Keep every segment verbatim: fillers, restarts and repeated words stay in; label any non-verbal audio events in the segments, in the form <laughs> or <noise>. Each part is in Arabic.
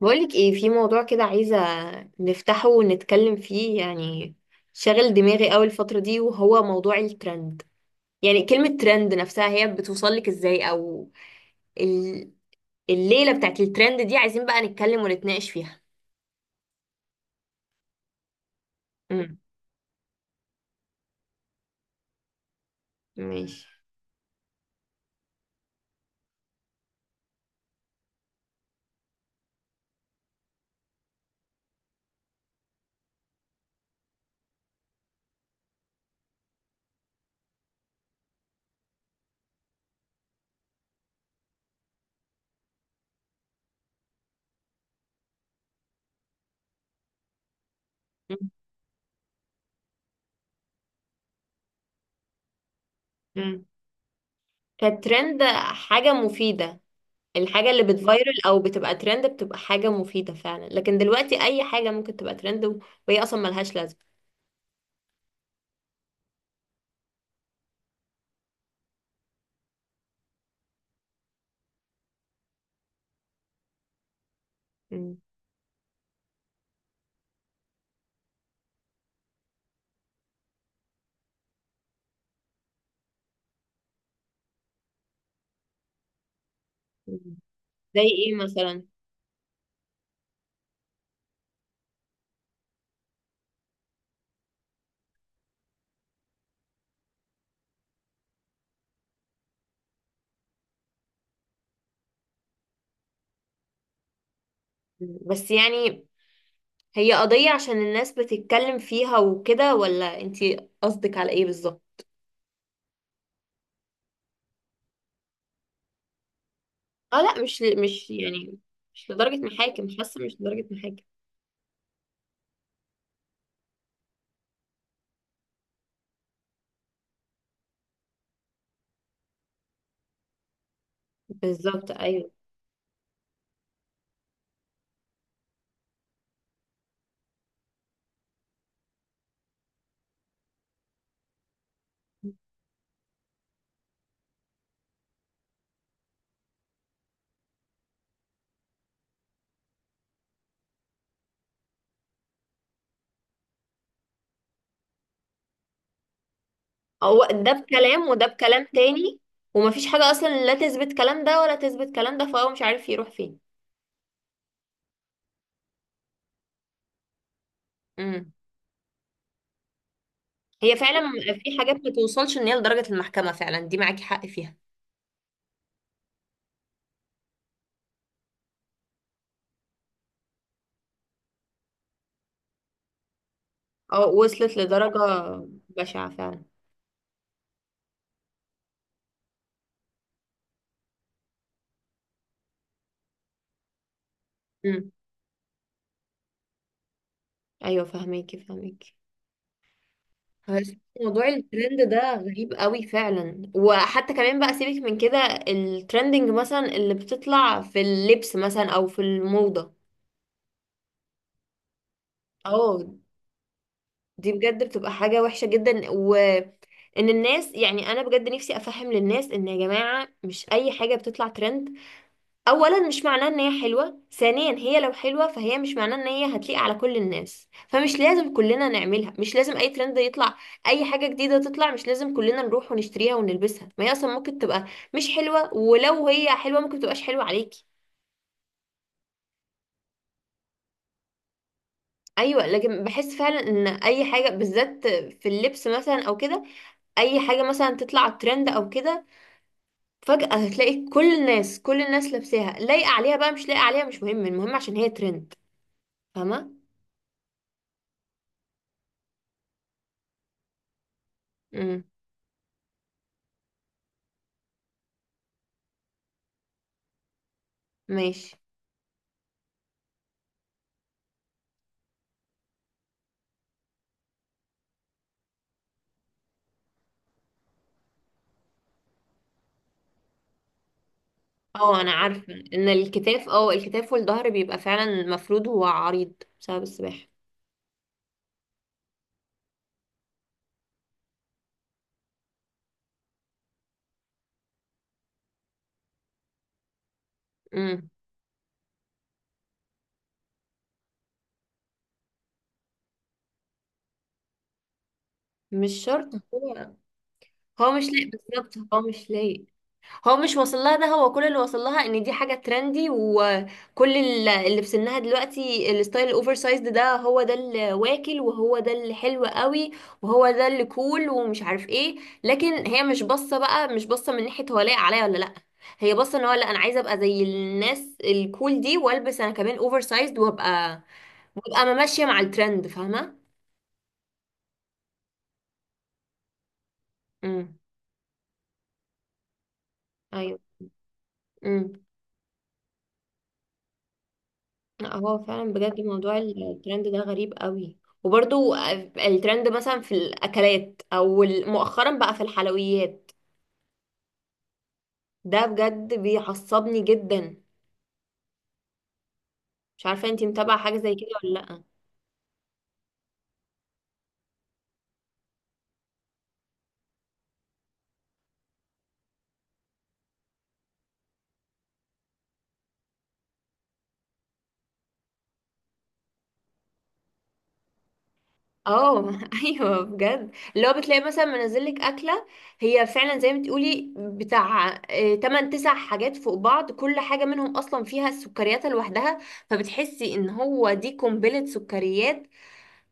بقولك ايه في موضوع كده عايزة نفتحه ونتكلم فيه يعني شاغل دماغي قوي الفترة دي، وهو موضوع الترند. يعني كلمة ترند نفسها هي بتوصلك ازاي، او ال... الليلة بتاعت الترند دي عايزين بقى نتكلم ونتناقش فيها. امم ماشي. امم فالترند حاجة مفيدة. الحاجة اللي بتفايرل او بتبقى ترند بتبقى حاجة مفيدة فعلا، لكن دلوقتي اي حاجة ممكن تبقى ترند وهي اصلا ملهاش لازمة. مم. مم. زي ايه مثلا؟ مم. بس يعني هي قضية عشان الناس بتتكلم فيها وكده، ولا انتي قصدك على ايه بالظبط؟ اه لا، مش ل- مش يعني مش لدرجة محاكم، مش حاسة مش لدرجة محاكم. بالظبط، ايوه. هو ده بكلام وده بكلام تاني. ومفيش حاجة اصلا لا تثبت كلام ده ولا تثبت كلام ده، فهو مش عارف يروح فين. امم هي فعلا في حاجات ما توصلش ان هي لدرجة المحكمة، فعلا دي معاكي حق فيها. اه وصلت لدرجة بشعة فعلا. امم ايوه، فهميكي فهميكي. بس موضوع الترند ده غريب قوي فعلا، وحتى كمان بقى سيبك من كده. الترندنج مثلا اللي بتطلع في اللبس مثلا او في الموضة، اه دي بجد بتبقى حاجة وحشة جدا. وان الناس، يعني انا بجد نفسي افهم للناس ان يا جماعة مش اي حاجة بتطلع ترند اولا مش معناه ان هي حلوه، ثانيا هي لو حلوه فهي مش معناه ان هي هتليق على كل الناس، فمش لازم كلنا نعملها. مش لازم اي ترند يطلع، اي حاجه جديده تطلع مش لازم كلنا نروح ونشتريها ونلبسها. ما هي اصلا ممكن تبقى مش حلوه، ولو هي حلوه ممكن تبقاش حلوه عليكي. ايوه، لكن بحس فعلا ان اي حاجه بالذات في اللبس مثلا او كده، اي حاجه مثلا تطلع ترند او كده، فجاه هتلاقي كل الناس كل الناس لابساها، لايقه عليها بقى مش لايقه عليها مش مهم، المهم عشان هي ترند. فاهمه؟ امم ماشي. اه انا عارفة ان الكتاف، اه الكتاف والظهر بيبقى فعلا مفروض هو عريض بسبب السباحة. امم مش شرط هو. هو مش لايق بالظبط، هو مش لايق. هو مش واصل لها. ده هو كل اللي واصل لها ان دي حاجه ترندي، وكل ال- اللي في سنها دلوقتي الستايل الاوفر سايزد ده هو ده اللي واكل، وهو ده اللي حلو قوي، وهو ده اللي كول ومش عارف ايه. لكن هي مش باصه بقى، مش باصه من ناحيه هو لايق عليا ولا لا. هي باصه ان هو لا انا عايزه ابقى زي الناس الكول دي، والبس انا كمان اوفر سايزد، وابقى وابقى ما ماشيه مع الترند. فاهمه؟ امم ايوه. امم. لا، هو فعلا بجد موضوع الترند ده غريب قوي. وبرضو الترند مثلا في الاكلات، او مؤخرا بقى في الحلويات، ده بجد بيعصبني جدا. مش عارفه انتي متابعه حاجه زي كده ولا لا؟ اه <laughs> ايوه بجد، اللي هو بتلاقي مثلا منزل لك اكله هي فعلا زي ما تقولي بتاع تمانية تسعة حاجات فوق بعض، كل حاجه منهم اصلا فيها السكريات لوحدها، فبتحسي ان هو دي قنبله سكريات.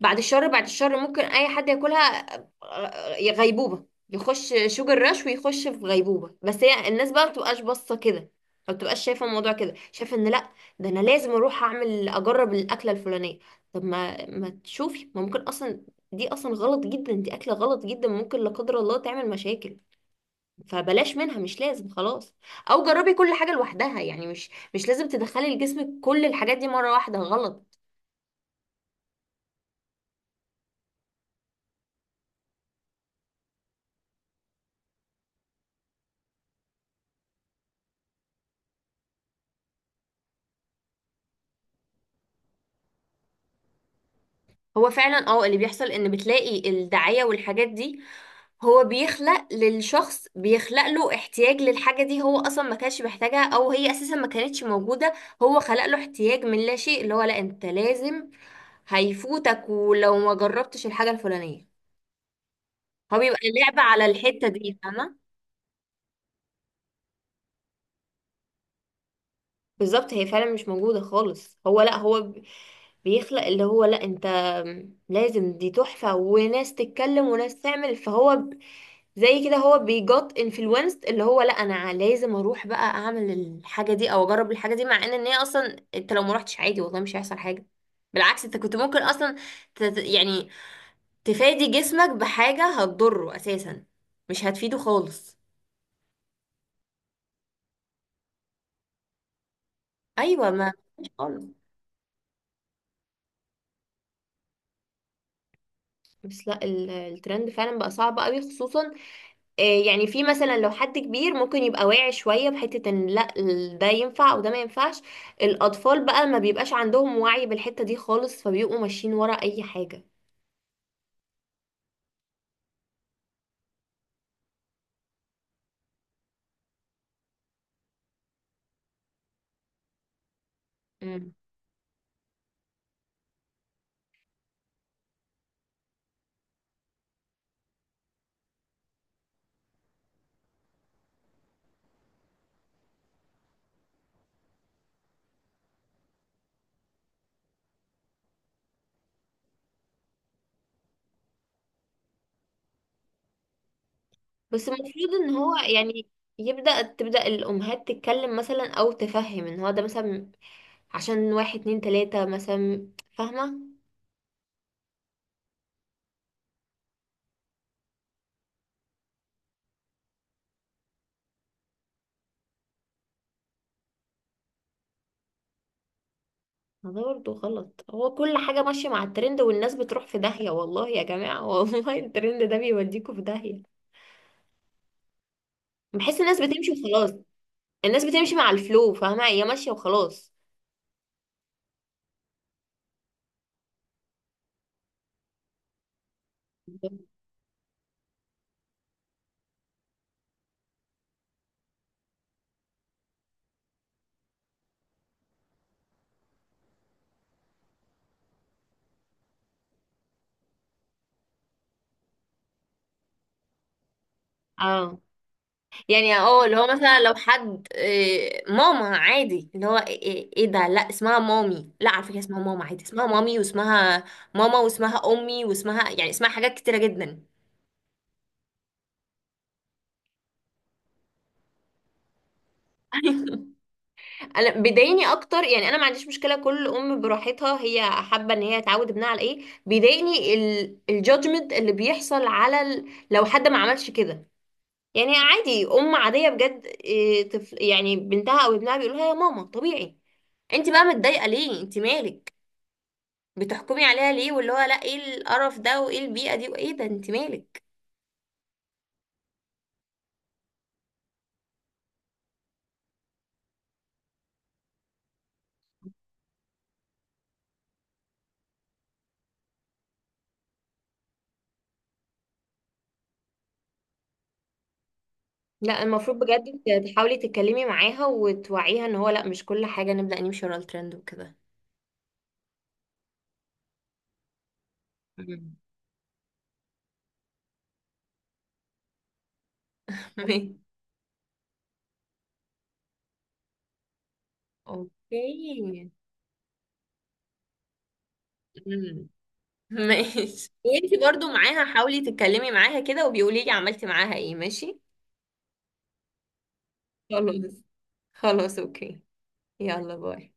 بعد الشر بعد الشر ممكن اي حد ياكلها، آه، غيبوبه. يخش شوجر رش ويخش في غيبوبه. بس هي الناس بقى ما بتبقاش باصه كده، ما بتبقاش شايفه الموضوع كده. شايفه ان لا، ده انا لازم اروح اعمل اجرب الاكله الفلانيه. طب ما ما تشوفي ما ممكن اصلا دي اصلا غلط جدا، دي اكله غلط جدا، ممكن لا قدر الله تعمل مشاكل. فبلاش منها مش لازم خلاص. او جربي كل حاجه لوحدها، يعني مش مش لازم تدخلي لجسمك كل الحاجات دي مره واحده غلط. هو فعلا اه اللي بيحصل ان بتلاقي الدعاية والحاجات دي، هو بيخلق للشخص بيخلق له احتياج للحاجة دي. هو اصلا ما كانش محتاجها، او هي اساسا ما كانتش موجودة. هو خلق له احتياج من لا شيء، اللي هو لا انت لازم، هيفوتك ولو ما جربتش الحاجة الفلانية. هو بيبقى لعبة على الحتة دي، فاهمة؟ بالظبط، هي فعلا مش موجودة خالص. هو لا هو ب- بيخلق اللي هو لا انت لازم دي تحفة، وناس تتكلم وناس تعمل. فهو ب- زي كده هو بيجوت انفلونسد اللي هو لا انا لازم اروح بقى اعمل الحاجة دي او اجرب الحاجة دي، مع ان ان هي اصلا انت لو ما رحتش عادي، والله مش هيحصل حاجة. بالعكس، انت كنت ممكن اصلا، تت يعني تفادي جسمك بحاجة هتضره اساسا، مش هتفيده خالص. ايوه، ما مش خالص. بس لا، ال- الترند فعلا بقى صعب قوي. خصوصا إيه يعني، في مثلا لو حد كبير ممكن يبقى واعي شوية بحتة ان لا ال- ده ينفع وده ما ينفعش. الأطفال بقى ما بيبقاش عندهم وعي بالحتة دي خالص، فبيبقوا ماشيين ورا أي حاجة. مم. بس المفروض ان هو يعني يبدأ تبدأ الأمهات تتكلم مثلا، أو تفهم ان هو ده مثلا عشان واحد اتنين تلاتة مثلا. فاهمة؟ ما ده برضه غلط. هو كل حاجة ماشية مع الترند، والناس بتروح في داهية. والله يا جماعة والله <laughs> الترند ده بيوديكوا في داهية. بحس الناس بتمشي وخلاص. الناس بتمشي مع الفلو، فاهمة؟ هي ماشية وخلاص. اه. يعني اه، اللي هو مثلا لو حد إيه، ماما عادي، اللي هو ايه إيه إيه ده لا اسمها مامي؟ لا على فكرة اسمها ماما عادي، اسمها مامي واسمها ماما واسمها امي واسمها، يعني اسمها حاجات كتيرة جدا. <laughs> انا بيضايقني اكتر، يعني انا ما عنديش مشكلة، كل ام براحتها هي حابة ان هي تعود ابنها على ايه. بيضايقني الجادجمنت اللي بيحصل على ال... لو حد ما عملش كده. يعني عادي ام عاديه بجد، إيه، طفل يعني بنتها او ابنها بيقولوا لها يا ماما طبيعي، انت بقى متضايقه ليه؟ انت مالك؟ بتحكمي عليها ليه؟ واللي هو لا ايه القرف ده وايه البيئه دي وايه ده! انت مالك؟ لا المفروض بجد ت- تحاولي تتكلمي معاها وتوعيها ان هو لا مش كل حاجه نبدا نمشي ورا الترند وكده. مم. <laughs> اوكي. مم. ماشي، وانتي برضو معاها حاولي تتكلمي معاها كده، وبيقولي لي عملتي معاها ايه. ماشي، خلاص. خلاص اوكي. يلا باي.